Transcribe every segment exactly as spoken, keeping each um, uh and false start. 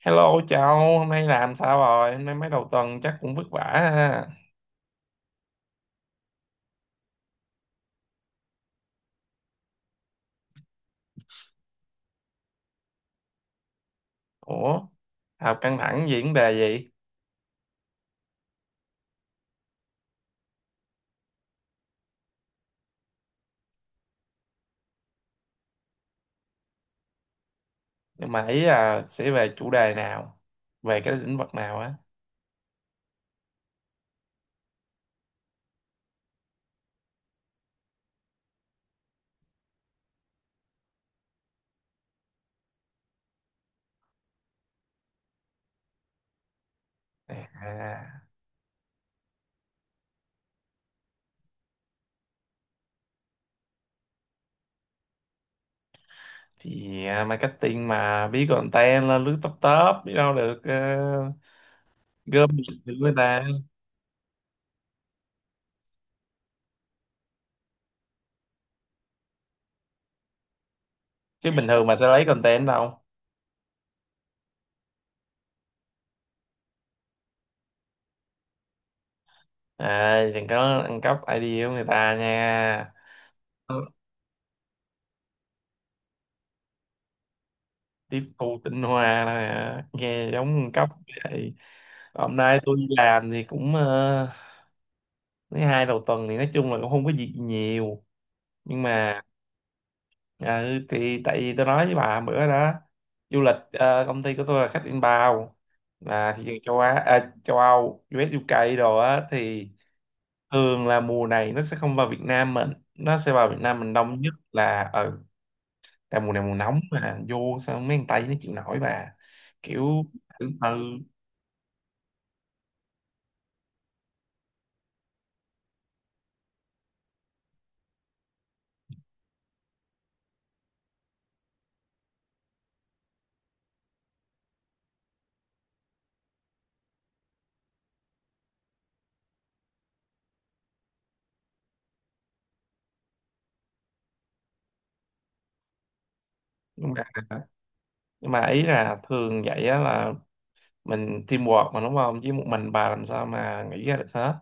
Hello cháu, hôm nay làm sao rồi? Hôm nay mấy đầu tuần chắc cũng vất vả ha. Ủa, học căng thẳng gì, vấn đề gì? Nhưng mà ý là sẽ về chủ đề nào? Về cái lĩnh vực nào á? À, thì à, marketing mà biết content là lướt top top, biết đâu được uh, gom được người ta. Chứ bình thường mà sẽ lấy content đâu? À, đừng có ăn cắp idea của người ta nha. Tiếp thu tinh hoa nè, nghe giống nguồn cấp vậy. Hôm nay tôi đi làm thì cũng ờ, mấy hai đầu tuần thì nói chung là cũng không có gì nhiều, nhưng mà ừ, thì tại vì tôi nói với bà bữa đó, du lịch ờ, công ty của tôi là khách inbound, là thị trường châu Á à, châu Âu, u ét, u ca đồ á, thì thường là mùa này nó sẽ không vào Việt Nam mình, nó sẽ vào Việt Nam mình đông nhất là ở tại mùa này, mùa nóng mà, vô sao mấy thằng Tây nó chịu nổi bà, kiểu ừ. Nhưng mà nhưng mà ý là thường vậy á, là mình teamwork mà đúng không, chứ một mình bà làm sao mà nghĩ ra được hết.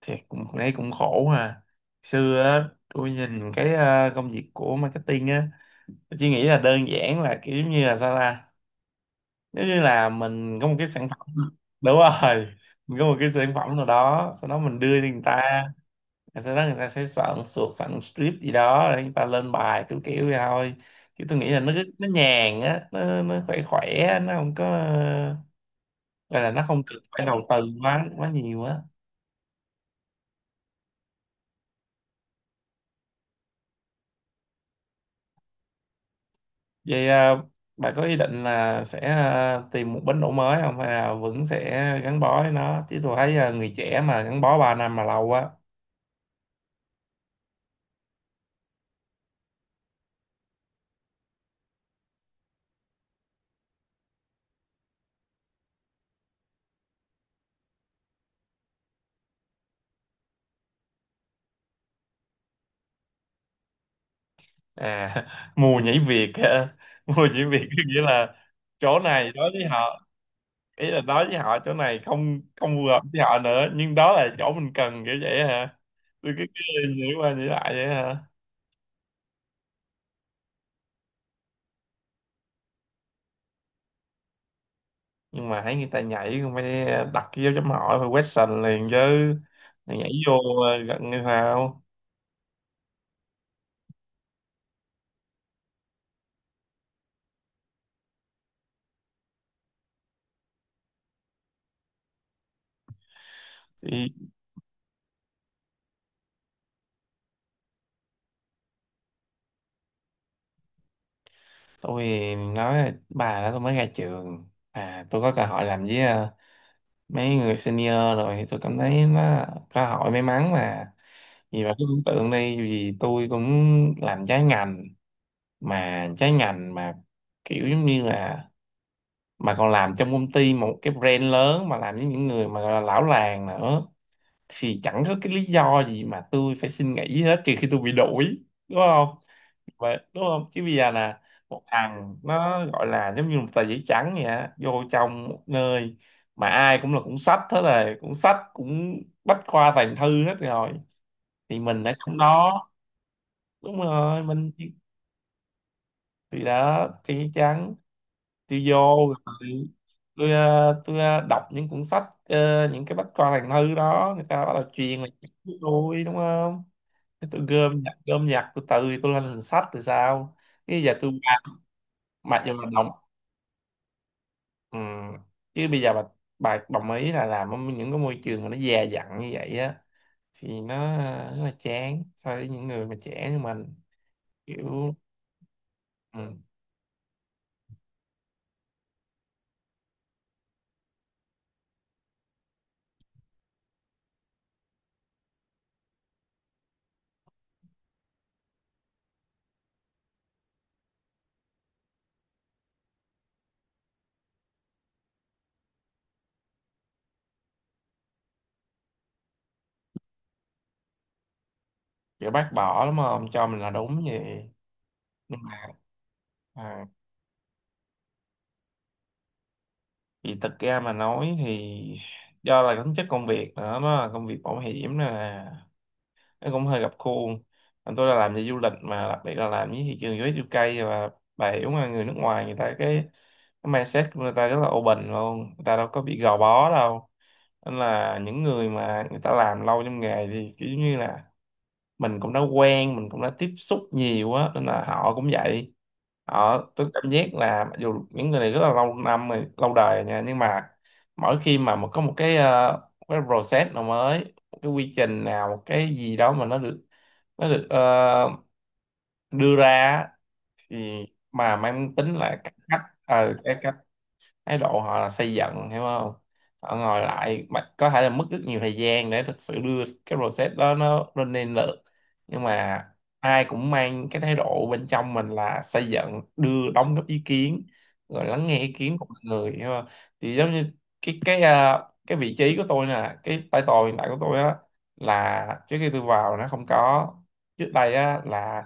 Thì cũng thấy cũng khổ ha. Xưa á tôi nhìn cái ờ, công việc của marketing á, tôi chỉ nghĩ là đơn giản là kiểu như là, sao ta, nếu như là mình có một cái sản phẩm. Đúng rồi, mình có một cái sản phẩm nào đó, sau đó mình đưa cho người ta. Rồi sau đó người ta sẽ soạn suột, soạn script gì đó rồi người ta lên bài kiểu kiểu vậy thôi. Chứ tôi nghĩ là nó nó nhàn á, nó nó khỏe khỏe á, nó không có, gọi là nó không cần phải đầu tư quá quá nhiều á. Vậy à, bà có ý định là sẽ à, tìm một bến đỗ mới không, hay là vẫn sẽ gắn bó với nó? Chứ tôi thấy à, người trẻ mà gắn bó ba năm mà lâu quá à. Mùa nhảy việc á. Mùa nhảy việc có nghĩa là chỗ này đối với họ, ý là nói với họ chỗ này không không phù hợp với họ nữa, nhưng đó là chỗ mình cần, kiểu vậy hả? Tôi cứ cứ nghĩ qua nghĩ lại vậy hả. Nhưng mà thấy người ta nhảy, không phải đặt cái dấu chấm hỏi, phải question liền chứ. Mày nhảy vô ờ, gần như sao. Thì tôi nói là, bà đó tôi mới ra trường à, tôi có cơ hội làm với ờ, mấy người senior, rồi thì tôi cảm thấy nó cơ hội may mắn mà. Vì bà cứ tưởng tượng đi, dù tôi cũng làm trái ngành, mà trái ngành mà kiểu giống như là mà còn làm trong công ty một cái brand lớn, mà làm với những người mà gọi là lão làng nữa, thì chẳng có cái lý do gì mà tôi phải xin nghỉ hết, trừ khi tôi bị đuổi, đúng không? Vậy đúng không, chứ bây giờ là một thằng nó gọi là giống như một tờ giấy trắng vậy á, vô trong một nơi mà ai cũng là cũng sách hết rồi, cũng sách cũng bách khoa toàn thư hết rồi, thì mình ở trong đó. Đúng rồi, mình thì đó thì trắng. Tôi vô rồi, tôi ờ, tôi ờ, đọc những cuốn sách ờ, những cái bách khoa toàn thư đó người ta bắt đầu truyền lại với tôi đúng không. Thế tôi gom nhặt gom nhặt từ từ tôi lên thành sách thì sao, cái giờ tôi bà. Mà giờ mà đồng, ừ. Chứ bây giờ bà bà đồng ý là làm ở những cái môi trường mà nó già dặn như vậy á, thì nó ờ, rất là chán so với những người mà trẻ như mình, kiểu ừ. Kiểu bác bỏ lắm, không cho mình là đúng vậy. Nhưng mà à, thì thật ra mà nói thì do là tính chất công việc nữa, nó là công việc bảo hiểm nên là nó cũng hơi gặp khuôn. Còn tôi là làm về du lịch, mà đặc biệt là làm với thị trường u ét, u ca, và bà hiểu mà, người nước ngoài, người ta cái, cái mindset của người ta rất là open luôn, người ta đâu có bị gò bó đâu. Nên là những người mà người ta làm lâu trong nghề thì kiểu như là mình cũng đã quen, mình cũng đã tiếp xúc nhiều á, nên là họ cũng vậy. Họ, tôi cảm giác là mặc dù những người này rất là lâu năm rồi, lâu đời nha, nhưng mà mỗi khi mà một có một cái ờ, một cái process nào mới, một cái quy trình nào, một cái gì đó mà nó được, nó được ờ, đưa ra á, thì mà mang tính là cải cách ờ, cái thái độ họ là xây dựng, hiểu không? Họ ngồi lại mà có thể là mất rất nhiều thời gian để thực sự đưa cái process đó nó lên lên được, nhưng mà ai cũng mang cái thái độ bên trong mình là xây dựng, đưa đóng góp ý kiến rồi lắng nghe ý kiến của mọi người, hiểu không? Thì giống như cái cái ờ, cái vị trí của tôi nè, cái title hiện tại của tôi á, là trước khi tôi vào nó không có. Trước đây á là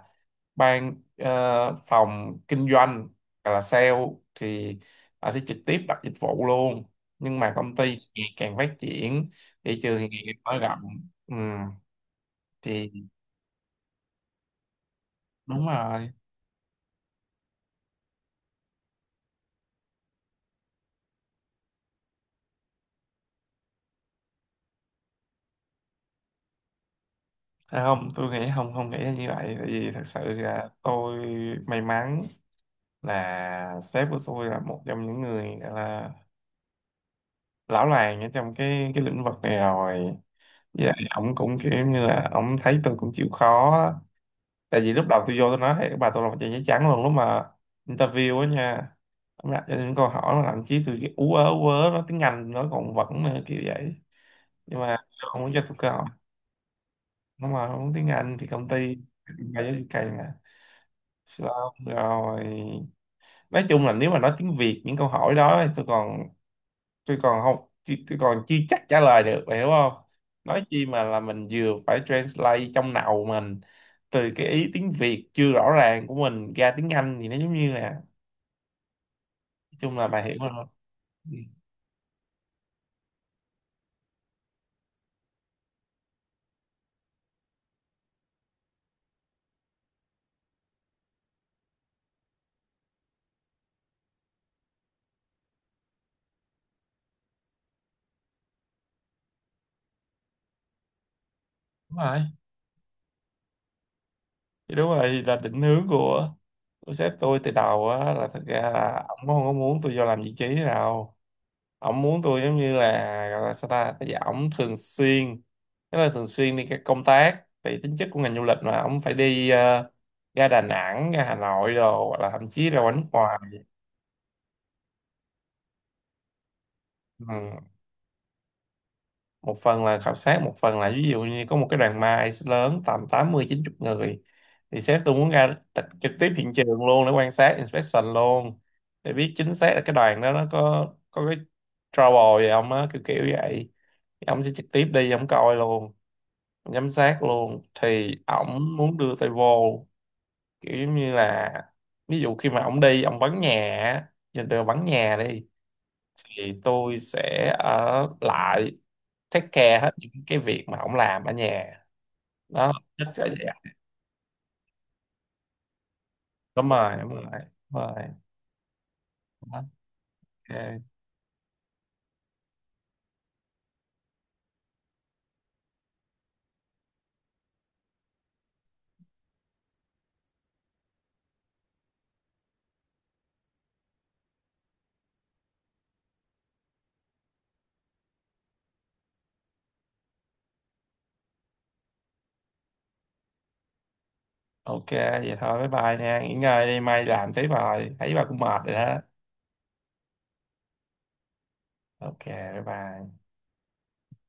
ban ờ, phòng kinh doanh hoặc là sale thì họ sẽ trực tiếp đặt dịch vụ luôn. Nhưng mà công ty ngày càng phát triển, thị trường thì ngày càng mở rộng, ừ, thì đúng rồi. À, không tôi nghĩ không, không nghĩ là như vậy. Tại vì thật sự là tôi may mắn là sếp của tôi là một trong những người gọi là lão làng ở trong cái cái lĩnh vực này rồi. Dạ, ổng cũng kiểu như là ổng thấy tôi cũng chịu khó. Tại vì lúc đầu tôi vô tôi nói, hey, các bà, tôi là một trang giấy trắng luôn lúc mà interview á nha. Nó đặt cho những câu hỏi mà thậm chí tôi kiểu ú ớ ú ớ, nói tiếng Anh nó còn vẫn nữa, kiểu vậy. Nhưng mà không muốn cho tôi cơ hội, nó mà không muốn tiếng Anh thì công ty ba giáo dục cây mà. Xong rồi nói chung là nếu mà nói tiếng Việt những câu hỏi đó thì tôi còn, tôi còn không chi- tôi còn chưa chắc trả lời được, bà hiểu không. Nói chi mà là mình vừa phải translate trong đầu mình từ cái ý tiếng Việt chưa rõ ràng của mình ra tiếng Anh thì nó giống như là, chung là bà hiểu rồi. Ừ, đúng rồi, thì đúng rồi, thì là định hướng của, của sếp tôi từ đầu á, là thật ra là ổng không có muốn tôi vô làm vị trí nào. Ổng muốn tôi giống như là, gọi là sao ta, bây giờ ổng thường xuyên, tức là thường xuyên đi các công tác, tại tính chất của ngành du lịch mà ổng phải đi ờ, ra Đà Nẵng, ra Hà Nội đồ, hoặc là thậm chí ra ngoài nước ngoài. Ừ. Một phần là khảo sát, một phần là ví dụ như có một cái đoàn mai lớn tầm tám mươi chín, 90 người, thì sếp tôi muốn ra t- trực tiếp hiện trường luôn để quan sát inspection luôn, để biết chính xác là cái đoàn đó nó có có cái trouble gì không á, kiểu kiểu vậy. Thì ông sẽ trực tiếp đi ông coi luôn, ông giám sát luôn, thì ổng muốn đưa tay vô, kiểu giống như là ví dụ khi mà ổng đi, ổng vắng nhà á, nhìn từ vắng nhà đi, thì tôi sẽ ở lại take care hết những cái việc mà ổng làm ở nhà. Đó thích là vậy. Đúng rồi, đúng rồi, đúng rồi. Đó. Ok. Ok vậy thôi, bye bye nha, nghỉ ngơi đi mai làm tiếp, rồi thấy bà cũng mệt rồi đó. Ok bye bye.